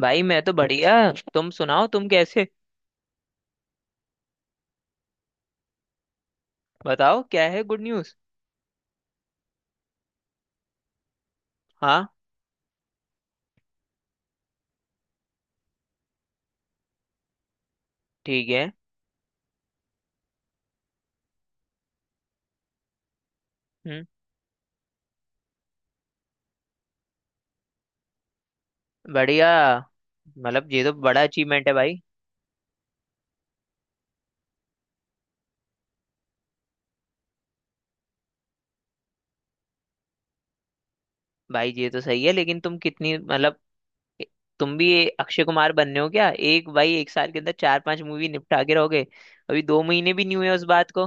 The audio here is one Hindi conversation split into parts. भाई मैं तो बढ़िया। तुम सुनाओ, तुम कैसे? बताओ क्या है गुड न्यूज़? हाँ। ठीक है। हम्म। बढ़िया। मतलब ये तो बड़ा अचीवमेंट है भाई। भाई ये तो सही है, लेकिन तुम कितनी मतलब तुम भी ये अक्षय कुमार बनने हो क्या? एक भाई, 1 साल के अंदर चार पांच मूवी निपटा के रहोगे? अभी 2 महीने भी नहीं हुए उस बात को।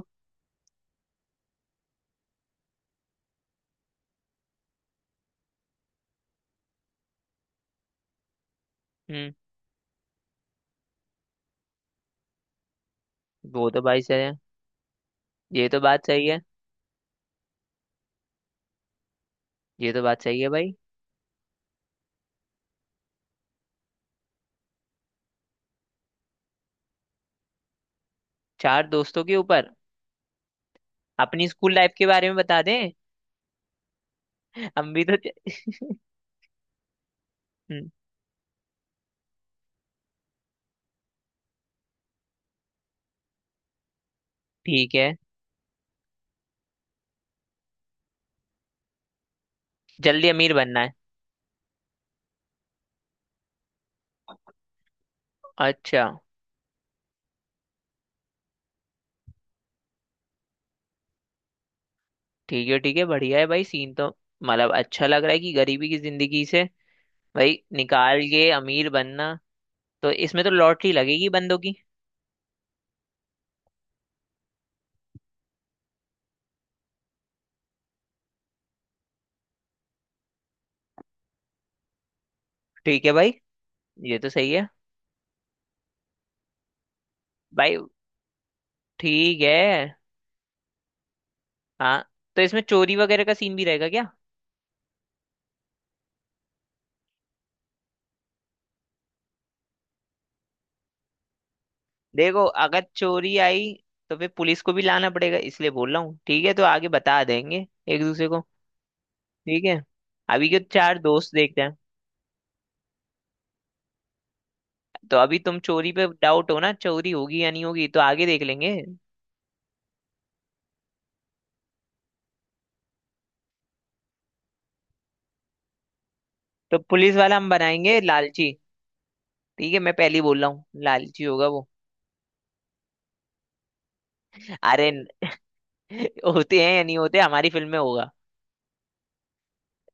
हम्म। वो तो भाई सही है। ये तो बात सही है। ये तो बात सही है भाई। चार दोस्तों के ऊपर। अपनी स्कूल लाइफ के बारे में बता दें? हम भी तो हम्म, ठीक है। जल्दी अमीर बनना है। अच्छा। ठीक है ठीक है, बढ़िया है भाई। सीन तो मतलब अच्छा लग रहा है कि गरीबी की जिंदगी से भाई निकाल के अमीर बनना, तो इसमें तो लॉटरी लगेगी बंदों की। ठीक है भाई। ये तो सही है भाई। ठीक है। हाँ, तो इसमें चोरी वगैरह का सीन भी रहेगा क्या? देखो, अगर चोरी आई तो फिर पुलिस को भी लाना पड़ेगा, इसलिए बोल रहा हूँ। ठीक है, तो आगे बता देंगे एक दूसरे को। ठीक है। अभी के चार दोस्त देखते हैं। तो अभी तुम चोरी पे डाउट हो ना, चोरी होगी या नहीं होगी, तो आगे देख लेंगे। तो पुलिस वाला हम बनाएंगे लालची। ठीक है, मैं पहले ही बोल रहा हूँ लालची होगा वो। अरे होते हैं या नहीं होते, हमारी फिल्म में होगा।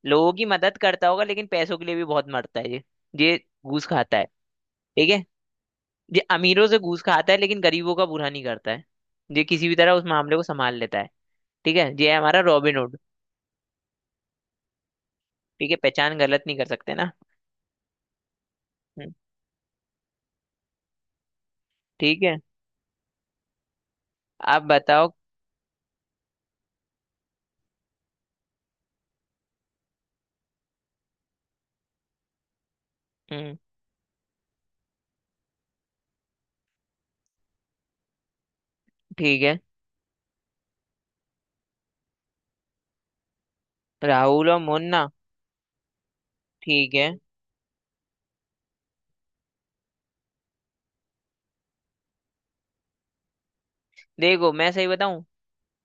लोगों की मदद करता होगा, लेकिन पैसों के लिए भी बहुत मरता है ये। ये घूस खाता है। ठीक है। ये अमीरों से घूस खाता है, लेकिन गरीबों का बुरा नहीं करता है। ये किसी भी तरह उस मामले को संभाल लेता है। ठीक है, ये है हमारा रॉबिन हुड। ठीक है, पहचान गलत नहीं कर सकते ना। हम्म, ठीक है। आप बताओ। हम्म, ठीक है। राहुल और मुन्ना। ठीक है। देखो, मैं सही बताऊं,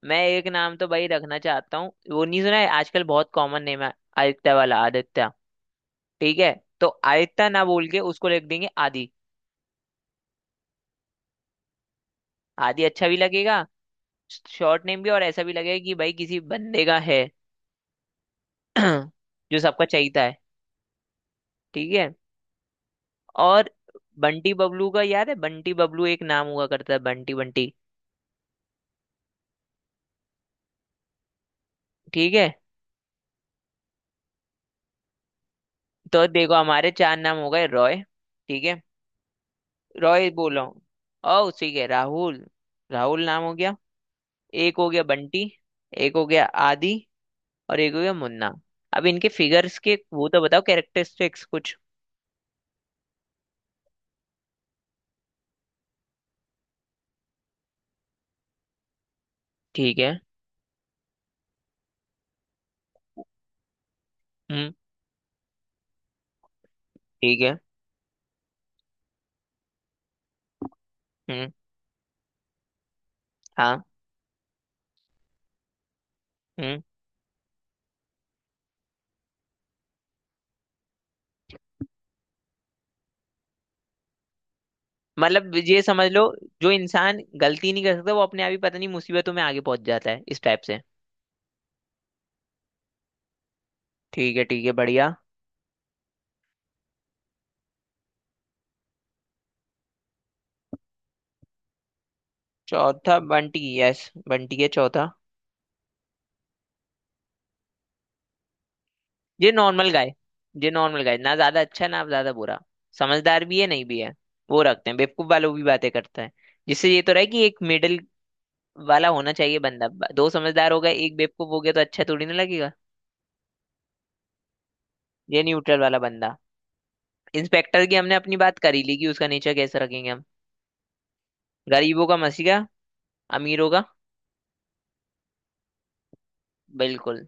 मैं एक नाम तो भाई रखना चाहता हूँ, वो नहीं सुना है, आजकल बहुत कॉमन नेम है। आदित्य वाला आदित्य। ठीक है। तो आदित्य ना बोल के उसको लिख देंगे आदि। आदि अच्छा भी लगेगा, शॉर्ट नेम भी, और ऐसा भी लगेगा कि भाई किसी बंदे का है। जो सबका चाहता है। ठीक है। और बंटी बबलू का याद है? बंटी बबलू, एक नाम हुआ करता है, बंटी। बंटी ठीक है। तो देखो हमारे चार नाम हो गए। रॉय। ठीक है। रॉय बोला हूँ। और उसी के राहुल, राहुल नाम हो गया। एक हो गया बंटी, एक हो गया आदि, और एक हो गया मुन्ना। अब इनके फिगर्स के वो तो बताओ, कैरेक्टरिस्टिक्स कुछ। ठीक है। हम्म। ठीक है। हम्म। हाँ। हम्म। मतलब ये समझ लो, जो इंसान गलती नहीं कर सकता वो अपने आप ही पता नहीं मुसीबतों में आगे पहुंच जाता है, इस टाइप से। ठीक है ठीक है, बढ़िया। चौथा बंटी, यस। बंटी है चौथा। ये नॉर्मल गाय। ये नॉर्मल गाय, ना ज्यादा अच्छा ना ज्यादा बुरा। समझदार भी है, नहीं भी है। वो रखते हैं, बेवकूफ वालों भी बातें करता है। जिससे ये तो रहे कि एक मिडिल वाला होना चाहिए बंदा। दो समझदार हो गए, एक बेवकूफ हो गया तो अच्छा थोड़ी ना लगेगा। ये न्यूट्रल वाला बंदा। इंस्पेक्टर की हमने अपनी बात करी ली कि उसका नेचर कैसे रखेंगे हम। गरीबों का मसीहा, अमीरों का। बिल्कुल।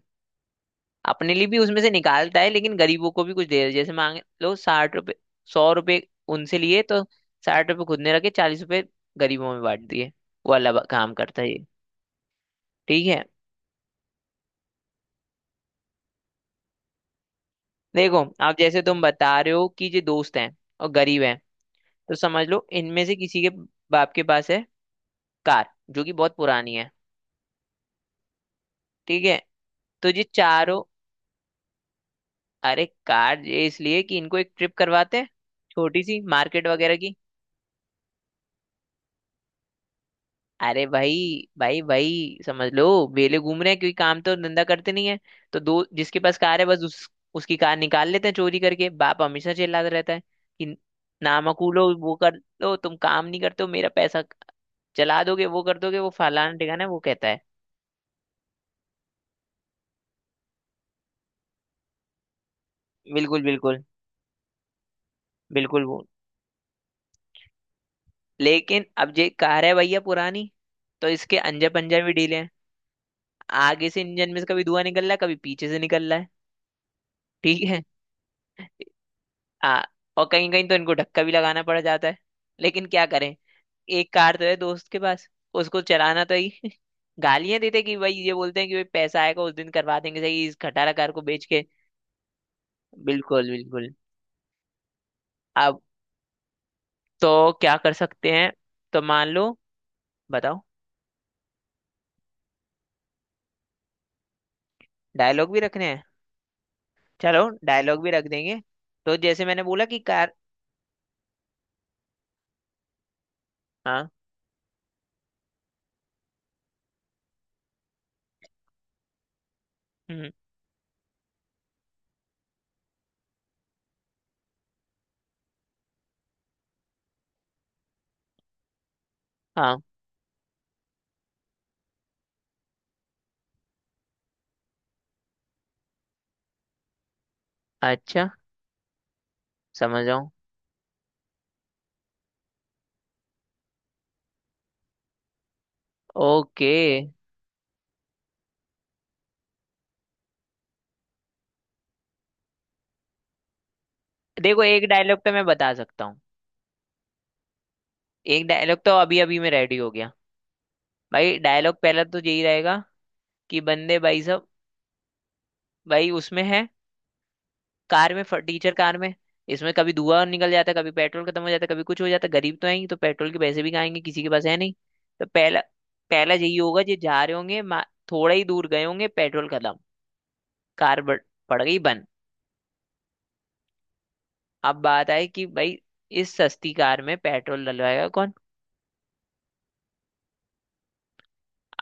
अपने लिए भी उसमें से निकालता है, लेकिन गरीबों को भी कुछ दे रहा है। जैसे मांग लो 60 रुपए, 100 रुपए उनसे लिए तो 60 रुपए खुद ने रखे, 40 रुपए गरीबों में बांट दिए। वो अलग काम करता है ये। ठीक है। देखो, आप जैसे तुम बता रहे हो कि ये दोस्त हैं और गरीब हैं, तो समझ लो इनमें से किसी के बाप के पास है कार जो कि बहुत पुरानी है। ठीक है। तो ये चारों, अरे कार ये इसलिए कि इनको एक ट्रिप करवाते हैं, छोटी सी मार्केट वगैरह की। अरे भाई, भाई भाई, समझ लो वेले घूम रहे हैं, क्योंकि काम तो धंधा करते नहीं है। तो दो जिसके पास कार है बस उस उसकी कार निकाल लेते हैं चोरी करके। बाप हमेशा चिल्लाता रहता है कि नामकूल हो, वो कर दो, तुम काम नहीं करते हो, मेरा पैसा जला दोगे, वो कर दोगे, वो फलाना ठिकाना है, वो कहता है। बिल्कुल बिल्कुल बिल्कुल वो। लेकिन अब ये कार है भैया पुरानी, तो इसके अंजा पंजा भी ढीले हैं। आगे से इंजन में से कभी धुआं निकल रहा है, कभी पीछे से निकल रहा है। ठीक है। आ, और कहीं कहीं तो इनको धक्का भी लगाना पड़ जाता है, लेकिन क्या करें? एक कार तो है दोस्त के पास, उसको चलाना तो ही गालियां देते कि भाई, ये बोलते हैं कि भाई पैसा आएगा उस दिन करवा देंगे सही इस खटारा कार को बेच के। बिल्कुल बिल्कुल। अब तो क्या कर सकते हैं? तो मान लो। बताओ। डायलॉग भी रखने हैं। चलो डायलॉग भी रख देंगे। तो जैसे मैंने बोला कि कार। हाँ। हम्म, हाँ। अच्छा। समझ रहा हूँ। ओके। देखो, एक डायलॉग तो मैं बता सकता हूँ। एक डायलॉग तो अभी अभी में रेडी हो गया। भाई डायलॉग पहला तो यही रहेगा कि बंदे भाई सब, भाई उसमें है कार में, फटीचर कार में, इसमें कभी धुआं निकल जाता है, कभी पेट्रोल खत्म हो जाता है, कभी कुछ हो जाता है, गरीब तो हैं ही तो पेट्रोल के पैसे भी खाएंगे, किसी के पास है नहीं। तो पहला पहला यही होगा, जो जा रहे होंगे, थोड़ा ही दूर गए होंगे पेट्रोल खत्म, कार पड़ गई बंद। अब बात आई कि भाई इस सस्ती कार में पेट्रोल डलवाएगा कौन?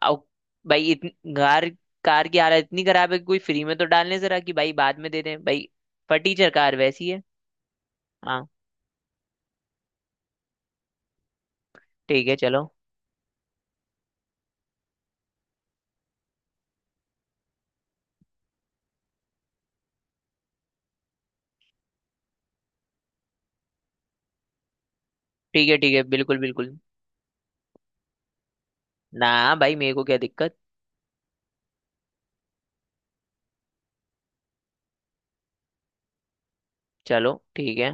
अब भाई इतनी कार कार की हालत इतनी खराब है कि कोई फ्री में तो डालने जरा कि भाई बाद में दे दें भाई, फटीचर कार वैसी है। हाँ ठीक है। चलो ठीक है ठीक है। बिल्कुल बिल्कुल। ना भाई, मेरे को क्या दिक्कत। चलो ठीक है।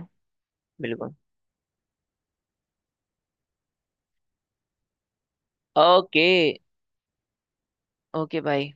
बिल्कुल। ओके। ओके भाई।